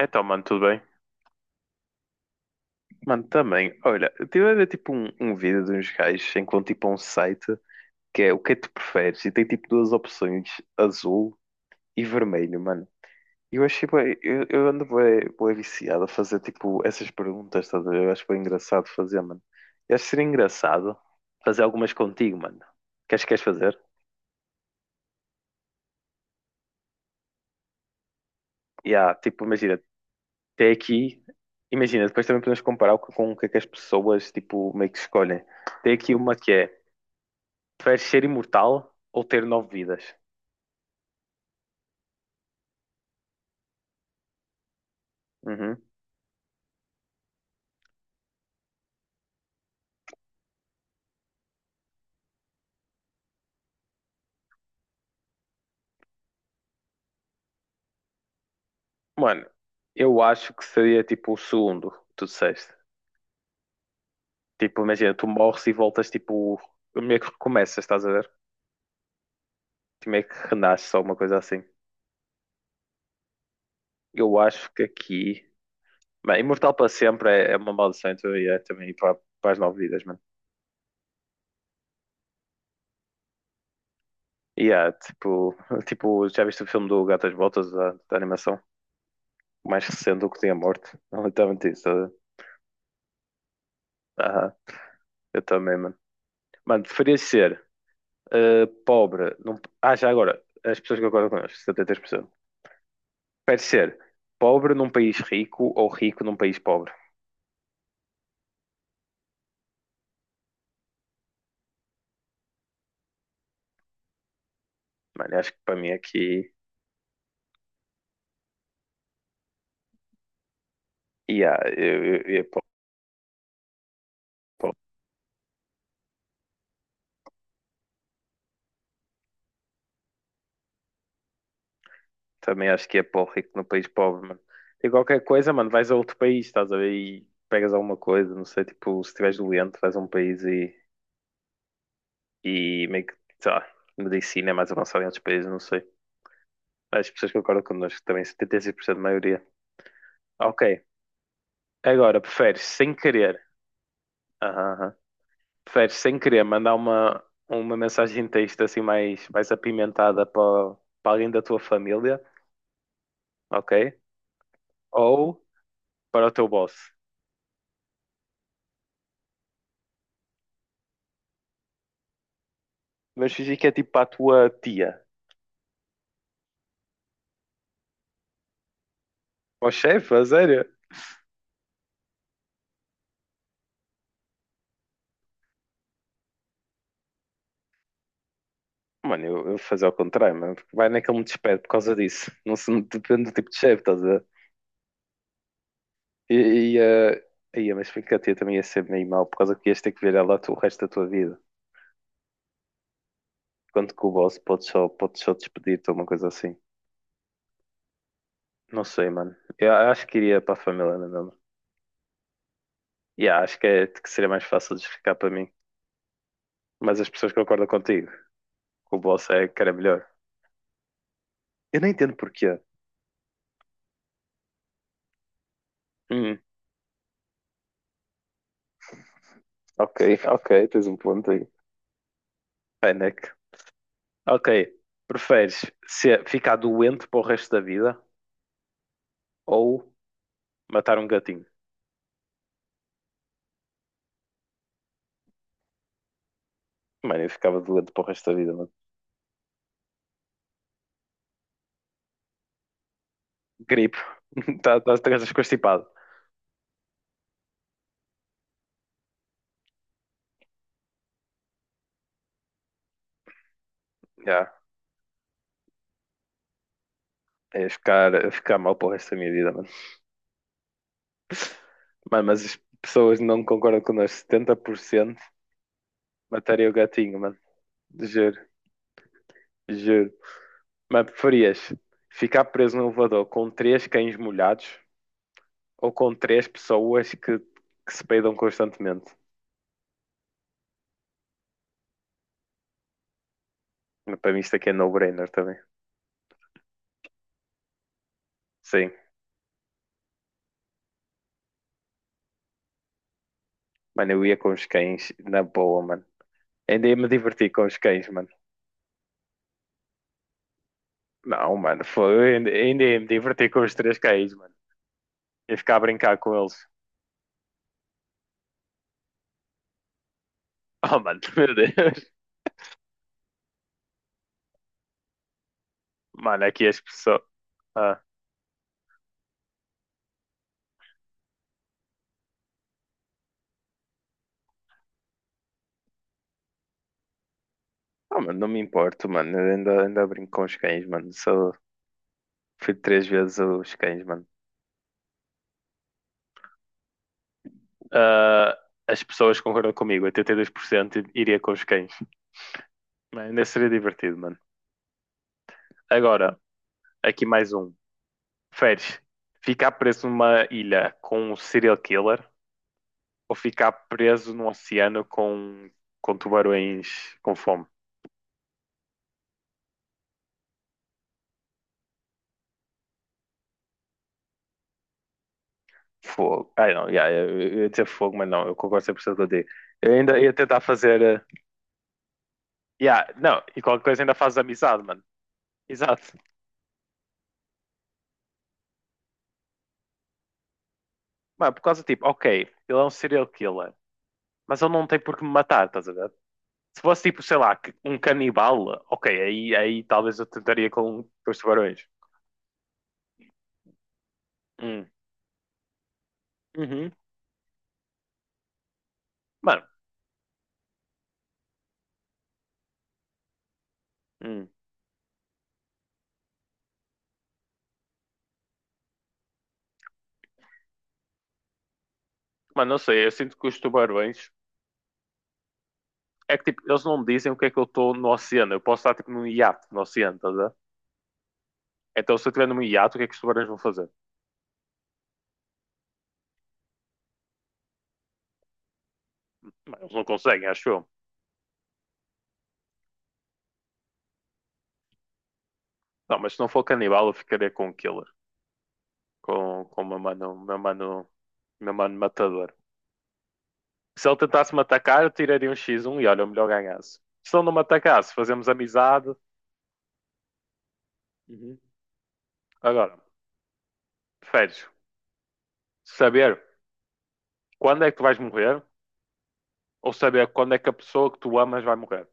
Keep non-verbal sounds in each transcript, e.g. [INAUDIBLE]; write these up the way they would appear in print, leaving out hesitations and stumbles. Então, mano, tudo bem? Mano, também. Olha, eu estive a ver tipo um vídeo de uns gajos, enquanto tipo a um site que é o que é que tu preferes e tem tipo duas opções, azul e vermelho, mano. E eu achei, eu ando bué, bué viciado a fazer tipo essas perguntas, estás a ver? Eu acho bem engraçado fazer, mano. Eu acho que seria engraçado fazer algumas contigo, mano. Queres fazer? E há, tipo, imagina, até aqui, imagina, depois também podemos comparar com o que é que as pessoas tipo meio que escolhem. Tem aqui uma que é. Preferes ser imortal ou ter nove vidas? Uhum. Mano, eu acho que seria tipo o segundo, que tu disseste. Tipo, imagina, tu morres e voltas tipo. Meio que recomeças, estás a ver? Tipo, meio que renasces, alguma coisa assim. Eu acho que aqui. Bem, imortal para sempre é uma maldição, então é também para as nove vidas, mano. E é tipo, [LAUGHS] tipo, já viste o filme do Gato às Botas, da animação? Mais recente do que tinha morte. [LAUGHS] Não, literalmente isso. Tá a ver? Aham, eu também, mano. Mano, preferias ser pobre. Ah, já agora, as pessoas que concordam connosco, 73%. Prefere ser pobre num país rico ou rico num país pobre? Mano, eu acho que para mim aqui. Yeah, eu ia para. Também acho que é para o rico num país pobre, mano. E qualquer coisa, mano, vais a outro país, estás a ver? E pegas alguma coisa, não sei, tipo, se estiveres doente, vais a um país e meio que, sei lá, medicina é mais avançada em outros países, não sei. As pessoas que concordam connosco também, 76% da maioria. Ok. Agora, preferes sem querer. Aham, aham. Preferes, sem querer, mandar uma mensagem de texto assim mais apimentada para alguém da tua família, ok? Ou para o teu boss. Mas fingir que é tipo para a tua tia. Ó chefe, a sério? Mano, eu vou fazer ao contrário, mano. Porque vai naquele me despede por causa disso. Não se depende do tipo de chefe, estás a ver? E, e ia, mas porque a tia também ia ser meio mal, por causa que ias ter que ver ela o resto da tua vida. Enquanto que o boss pode só despedir-te ou uma coisa assim. Não sei, mano. Eu acho que iria para a família, não é mesmo? Yeah, acho que, é, que seria mais fácil de explicar para mim. Mas as pessoas concordam contigo, que o boss é que era melhor. Eu não entendo porquê. Hum, ok, ok, tens um ponto aí. Fennec. Ok, preferes ficar doente para o resto da vida ou matar um gatinho? Mano, eu ficava doente para o resto da vida, mano. Gripe. [LAUGHS] Tá, tá, estás constipado. Já, é ficar mal para o resto da minha vida, mano. Mano, mas as pessoas não concordam connosco. 70% mataria o gatinho, mano. Juro, juro. Mas preferias ficar preso num elevador com três cães molhados ou com três pessoas que se peidam constantemente? Mas para mim isto aqui é no-brainer também. Sim, mano, eu ia com os cães na boa, mano. Ainda ia me divertir com os cães, mano. Não, mano, foi, ainda ia me divertir com os três cães, mano. Ia ficar a brincar com eles. Oh, mano, [LAUGHS] meu Deus. Mano, aqui as pessoas. Ah, Ah, mano, não me importo, mano. Eu ainda brinco com os cães, mano. Fui três vezes os cães, mano. Ah, as pessoas concordam comigo, 82% iria com os cães. Mano, ainda seria divertido, mano. Agora, aqui mais um. Feres, ficar preso numa ilha com um serial killer ou ficar preso num oceano com tubarões com fome? Fogo. Ai não, yeah, eu ia dizer fogo, mas não, eu concordo 100% contigo. Eu ainda ia tentar fazer. Yeah, não, e qualquer coisa ainda fazes amizade, mano. Exato. Mano, por causa tipo, ok, ele é um serial killer, mas ele não tem por que me matar, estás a ver? Se fosse tipo, sei lá, um canibal, ok, aí talvez eu tentaria com os tubarões. Hum. Uhum. Mano, hum. Mano, não sei, eu sinto que os tubarões é que tipo, eles não me dizem o que é que eu estou no oceano. Eu posso estar tipo num iate no oceano, estás a ver? Então se eu estiver num iate, o que é que os tubarões vão fazer? Mano, eles não conseguem, acho eu. Não, mas se não for canibal, eu ficaria com o killer, com o meu mano matador. Se ele tentasse me atacar, eu tiraria um x um e olha, o melhor ganhasse. Se ele não me atacasse, fazemos amizade. Uhum. Agora, preferes saber quando é que tu vais morrer ou saber quando é que a pessoa que tu amas vai morrer?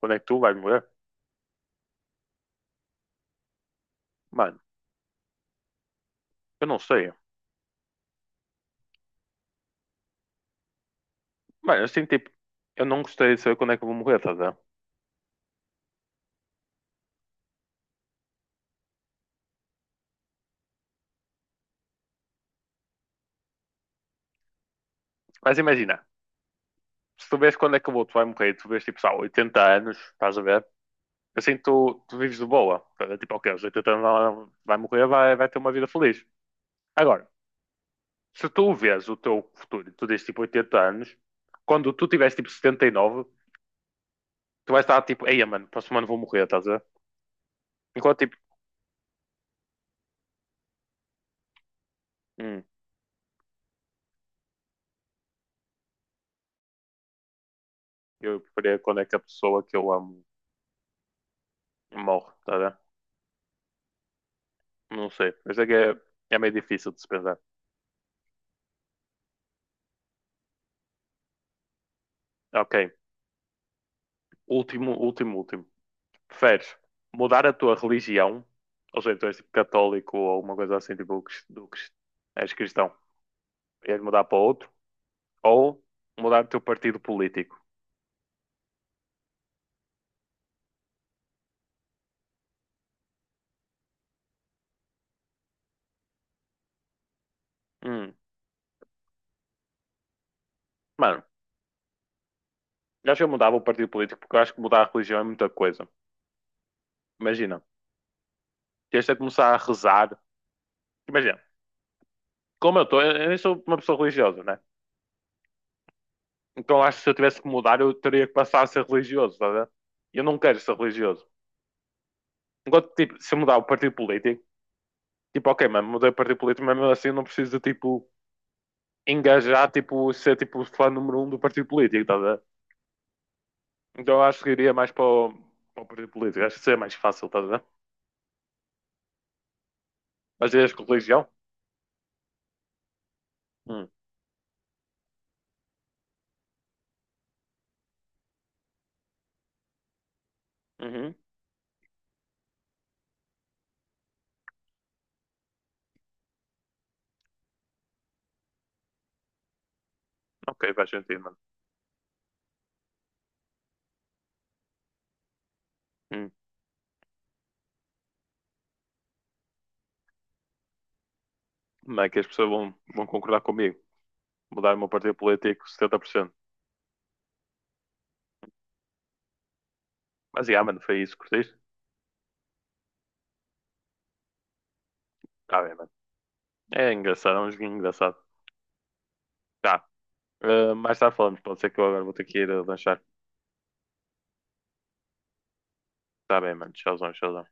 Quando é que tu vais morrer? Mano, eu não sei. Mano, assim, tipo, eu não gostaria de saber quando é que eu vou morrer, estás a ver? Mas imagina, se tu vês quando é que o outro vai morrer, e tu vês tipo, sei lá, 80 anos, estás a ver? Assim tu vives de boa. É tipo, ok, aos 80 anos ela vai morrer, vai ter uma vida feliz. Agora, se tu vês o teu futuro e tu dizes tipo 80 anos, quando tu tiveres tipo 79, tu vais estar tipo, ei, mano, próximo ano vou morrer, estás a ver? Enquanto tipo, Hum, eu preferia quando é que a pessoa que eu amo morre, tá a ver? Não sei. Mas é que é meio difícil de se pensar. Ok. Último, último, último. Preferes mudar a tua religião? Ou seja, tu és tipo católico ou alguma coisa assim, tipo, és cristão. Ias mudar para outro? Ou mudar o teu partido político? Hum, mano, eu acho que eu mudava o partido político porque eu acho que mudar a religião é muita coisa. Imagina, tens de começar a rezar. Imagina, como eu estou, eu nem sou uma pessoa religiosa, né? Então acho que se eu tivesse que mudar, eu teria que passar a ser religioso, tá a ver? Eu não quero ser religioso. Enquanto, tipo, se eu mudar o partido político, tipo, ok, mano, mudei o partido político, mas mesmo assim eu não preciso, de, tipo, engajar, tipo, ser, tipo, fã número um do partido político, tá a ver? Então eu acho que iria mais para o, partido político, acho que seria mais fácil, tá a ver? Mas irias com religião? Hum. Uhum. Ok, faz sentido, mano. Hum. Não é que as pessoas vão concordar comigo. Mudar o meu partido político 70%. Mas, yeah, mano, foi isso, curtiste? Tá bem, mano. É engraçado, é um joguinho engraçado. Tá. Mais tarde falamos, pode ser que eu agora vou ter que ir a lanchar. Está bem, mano. Tchauzão, tchauzão.